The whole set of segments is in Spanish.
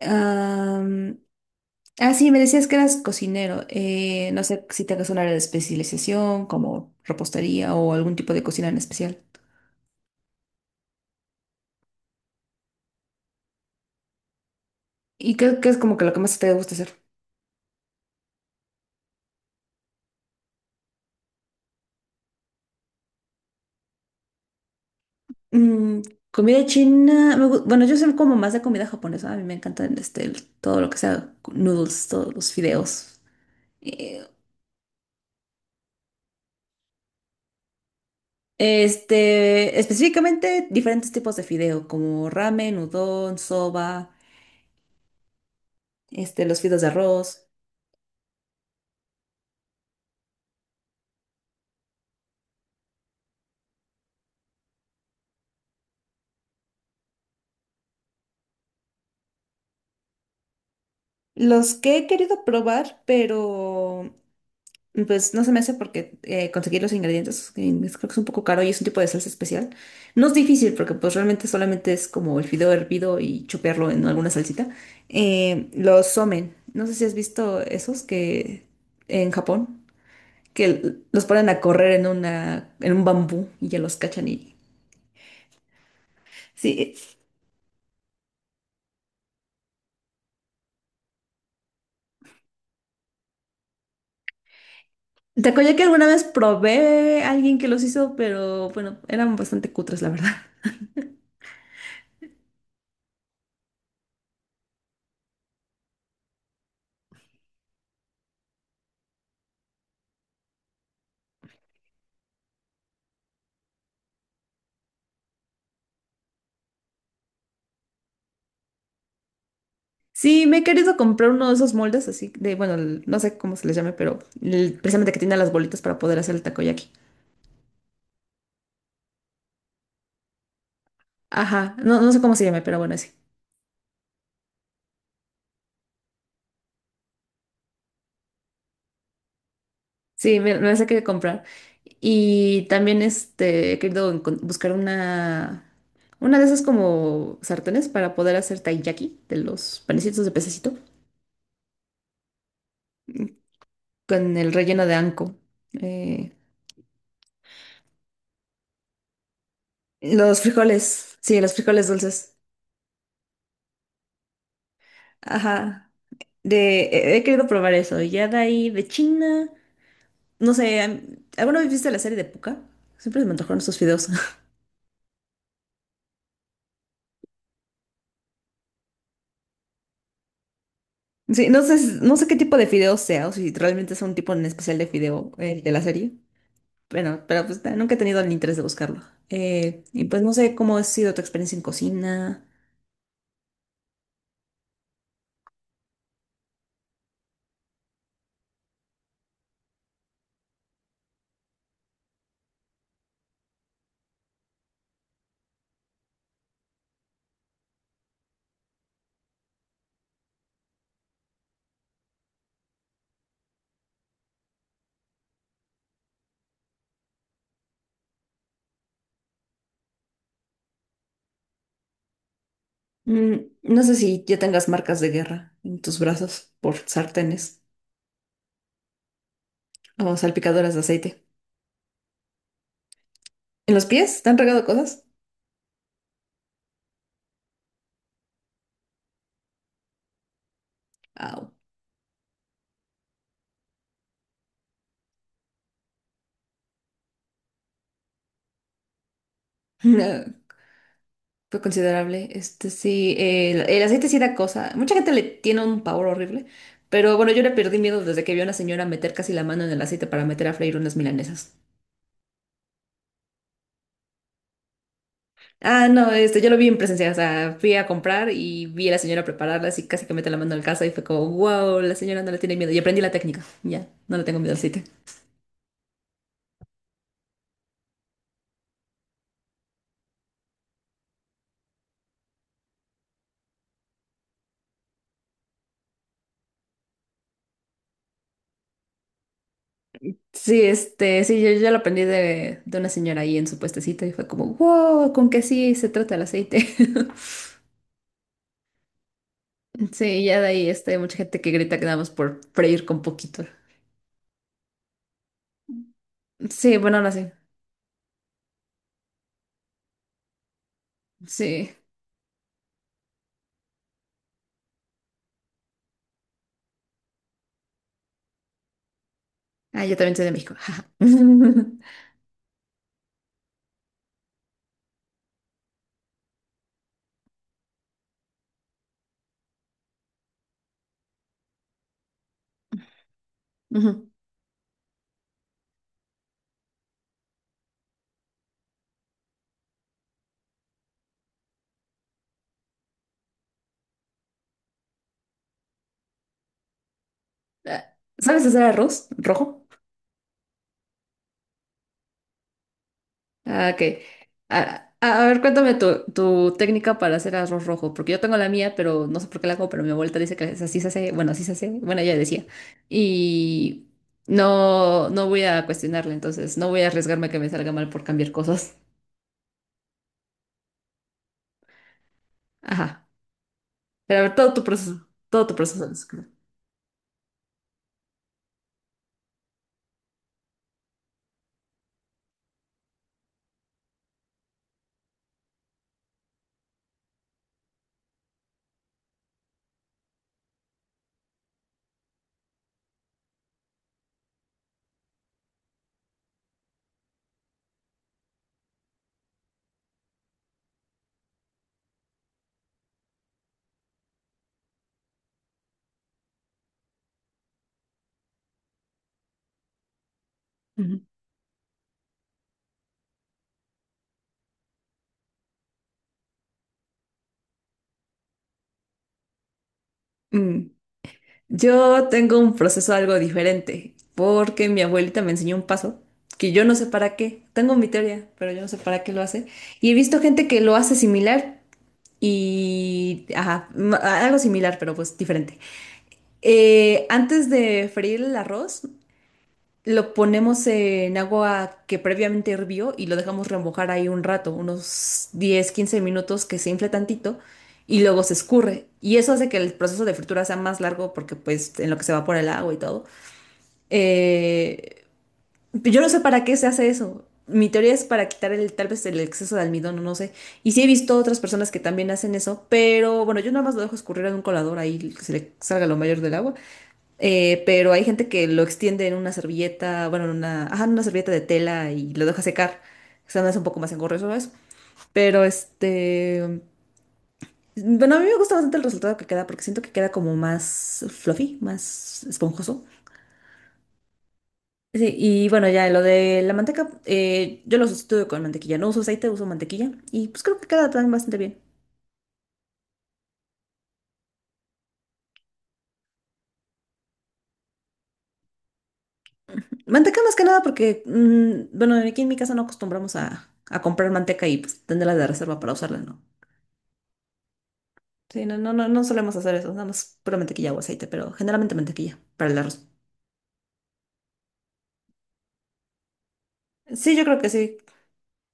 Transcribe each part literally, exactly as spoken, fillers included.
Am, ah, sí, me decías que eras cocinero. Eh, no sé si tengas un área de especialización, como repostería o algún tipo de cocina en especial. ¿Y qué, qué es como que lo que más te gusta hacer? Mm, Comida china. Me gu- bueno, yo soy como más de comida japonesa. A mí me encanta este, el- todo lo que sea noodles, todos los fideos. Eh, este, específicamente diferentes tipos de fideo, como ramen, udon, soba, este, los fideos de arroz. Los que he querido probar, pero pues no se me hace porque eh, conseguir los ingredientes, eh, es- creo que es un poco caro y es un tipo de salsa especial. No es difícil porque pues realmente solamente es como el fideo hervido y chopearlo en alguna salsita. Eh, los somen, no sé si has visto esos que en Japón, que l- los ponen a correr en una, en un bambú y ya los cachan y... Sí, te que alguna vez probé a alguien que los hizo, pero bueno, eran bastante cutres, la verdad. Sí, me he querido comprar uno de esos moldes así de, bueno, el- no sé cómo se les llame, pero el- precisamente que tiene las bolitas para poder hacer el takoyaki. Ajá, no, no sé cómo se llame, pero bueno, sí. Sí, me, me las he querido comprar. Y también este, he querido encon- buscar una, una de esas como sartenes para poder hacer taiyaki de los panecitos de pececito con el relleno de anco. Eh, los frijoles, sí, los frijoles dulces. Ajá. De, he he querido probar eso. Ya de ahí de China. No sé, ¿alguna vez viste la serie de puka? Siempre me antojaron esos fideos. Sí, no sé, no sé qué tipo de fideos sea, o si realmente es un tipo en especial de fideo el de la serie. Bueno, pero pues eh, nunca he tenido el interés de buscarlo. Eh, y pues no sé cómo ha sido tu experiencia en cocina. Mm, no sé si ya tengas marcas de guerra en tus brazos por sartenes o salpicadoras de aceite. ¿En los pies? ¿Te han regado cosas? Au. Fue considerable. Este sí, el, el aceite sí da cosa. Mucha gente le tiene un pavor horrible. Pero bueno, yo le perdí miedo desde que vi a una señora meter casi la mano en el aceite para meter a freír unas milanesas. Ah, no, este, yo lo vi en presencia. O sea, fui a comprar y vi a la señora prepararlas y casi que mete la mano en la casa y fue como, wow, la señora no le tiene miedo. Y aprendí la técnica. Ya, no le tengo miedo al aceite. Sí, este, sí, yo, yo lo aprendí de, de una señora ahí en su puestecito y fue como, wow, con que sí se trata el aceite. Sí, ya de ahí este, hay mucha gente que grita que nada más por freír con poquito. Sí, bueno, no sé. Sí. Ah, yo también soy de México. Jaja. Ujú. Ah, ¿sabes hacer arroz rojo? Ah, ok. Ah, a, a ver, cuéntame tu, tu técnica para hacer arroz rojo, porque yo tengo la mía, pero no sé por qué la hago, pero mi abuelita dice que así se hace, bueno, así se hace, bueno, ella decía. Y no, no voy a cuestionarle, entonces no voy a arriesgarme a que me salga mal por cambiar cosas. Ajá. Pero a ver, todo tu proceso, todo tu proceso. Ujú. Mm. Yo tengo un proceso algo diferente, porque mi abuelita me enseñó un paso que yo no sé para qué. Tengo mi teoría, pero yo no sé para qué lo hace. Y he visto gente que lo hace similar y, ajá, m- algo similar, pero pues diferente. Eh, antes de freír el arroz, lo ponemos en agua que previamente hirvió y lo dejamos remojar ahí un rato, unos diez quince minutos que se infle tantito y luego se escurre. Y eso hace que el proceso de fritura sea más largo porque pues en lo que se evapora el agua y todo. Eh, yo no sé para qué se hace eso. Mi teoría es para quitar el, tal vez el exceso de almidón, o no sé. Y sí he visto otras personas que también hacen eso, pero bueno, yo nada más lo dejo escurrir en un colador ahí que se le salga lo mayor del agua. Eh, pero hay gente que lo extiende en una servilleta, bueno, en una, ajá, en una servilleta de tela y lo deja secar. O sea, no es un poco más engorroso eso. Pero este, bueno, a mí me gusta bastante el resultado que queda porque siento que queda como más fluffy, más esponjoso. Sí, y bueno, ya lo de la manteca, eh, yo lo sustituyo con mantequilla. No uso aceite, uso mantequilla. Y pues creo que queda también bastante bien. Manteca más que nada porque, mm, bueno, aquí en mi casa no acostumbramos a, a comprar manteca y pues tenerla de reserva para usarla, ¿no? Sí, no, no, no, no solemos hacer eso, nada más pura mantequilla o aceite, pero generalmente mantequilla para el arroz. Sí, yo creo que sí.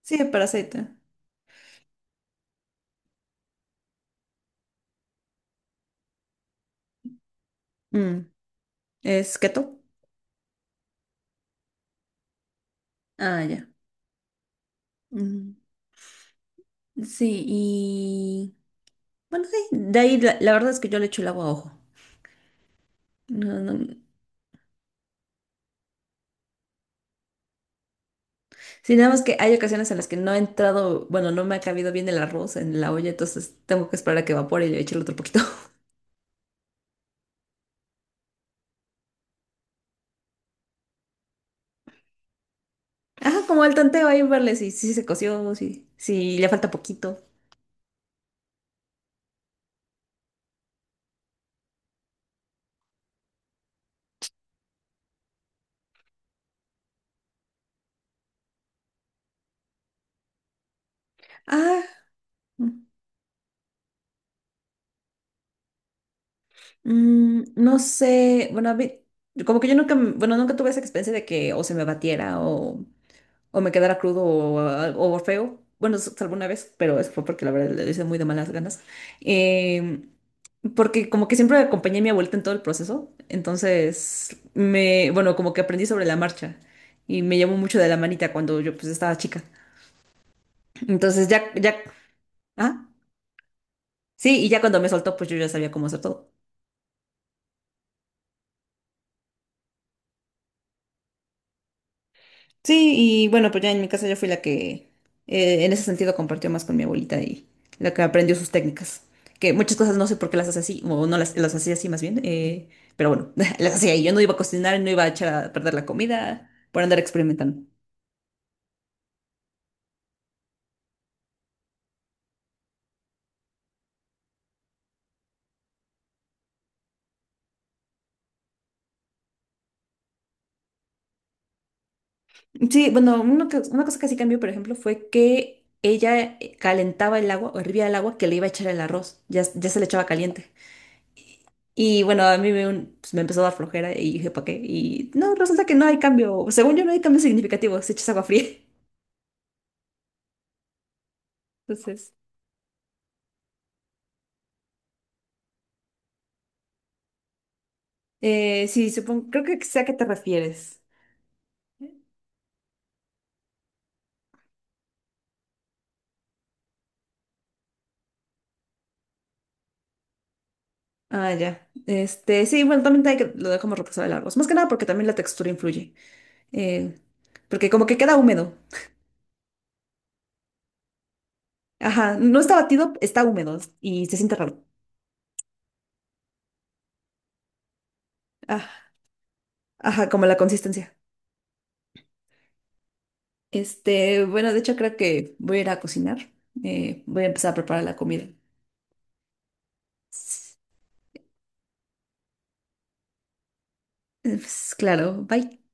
Sí, para aceite. Mm, ¿Es keto? Ah, ya. Mm, Sí, y bueno, sí, de ahí la, la verdad es que yo le echo el agua a ojo. No, no. No. Sí, nada más que hay ocasiones en las que no ha entrado, bueno, no me ha cabido bien el arroz en la olla, entonces tengo que esperar a que evapore y le echarle otro poquito. Ajá, como el tanteo ahí, verle si, si se coció, si, si le falta poquito. Ah. Mm, no sé, bueno, a ve- como que yo nunca, m- bueno, nunca tuve esa experiencia de que o se me batiera o, o me quedara crudo o, al- o feo. Bueno, s- alguna vez, pero es fue porque la verdad lo hice muy de malas ganas. Em, porque como que siempre acompañé a mi abuelita en todo el proceso, entonces me, bueno, como que aprendí sobre la marcha y me llevó mucho de la manita cuando yo pues estaba chica. Entonces ya, ya, ah, sí, y ya cuando me soltó pues yo ya sabía cómo hacer todo. Sí, y bueno, pues ya en mi casa yo fui la que eh, en ese sentido compartió más con mi abuelita y la que aprendió sus técnicas. Que muchas cosas no sé por qué las hace así, o no las, las hacía así más bien, eh, pero bueno, las hacía y yo no iba a cocinar, no iba a echar a perder la comida por andar experimentando. Sí, bueno, una, co- una cosa que sí cambió, por ejemplo, fue que ella eh, calentaba el agua o hervía el agua que le iba a echar el arroz, ya, ya se le echaba caliente. Y bueno, a mí me, un- pues, me empezó a dar flojera y dije, ¿para qué? Y no, resulta que no hay cambio. Según yo, no hay cambio significativo. Se echas agua fría. Entonces, eh, sí, supongo, creo que sé a qué te refieres. Ah, ya. Este, sí, bueno, también hay que, lo dejamos reposar de largos. Más que nada porque también la textura influye. Eh, porque como que queda húmedo. Ajá, no está batido, está húmedo y se siente raro. Ah, ajá, como la consistencia. Este, bueno, de hecho creo que voy a ir a cocinar. Eh, voy a empezar a preparar la comida. Eh, Pues, claro, bye.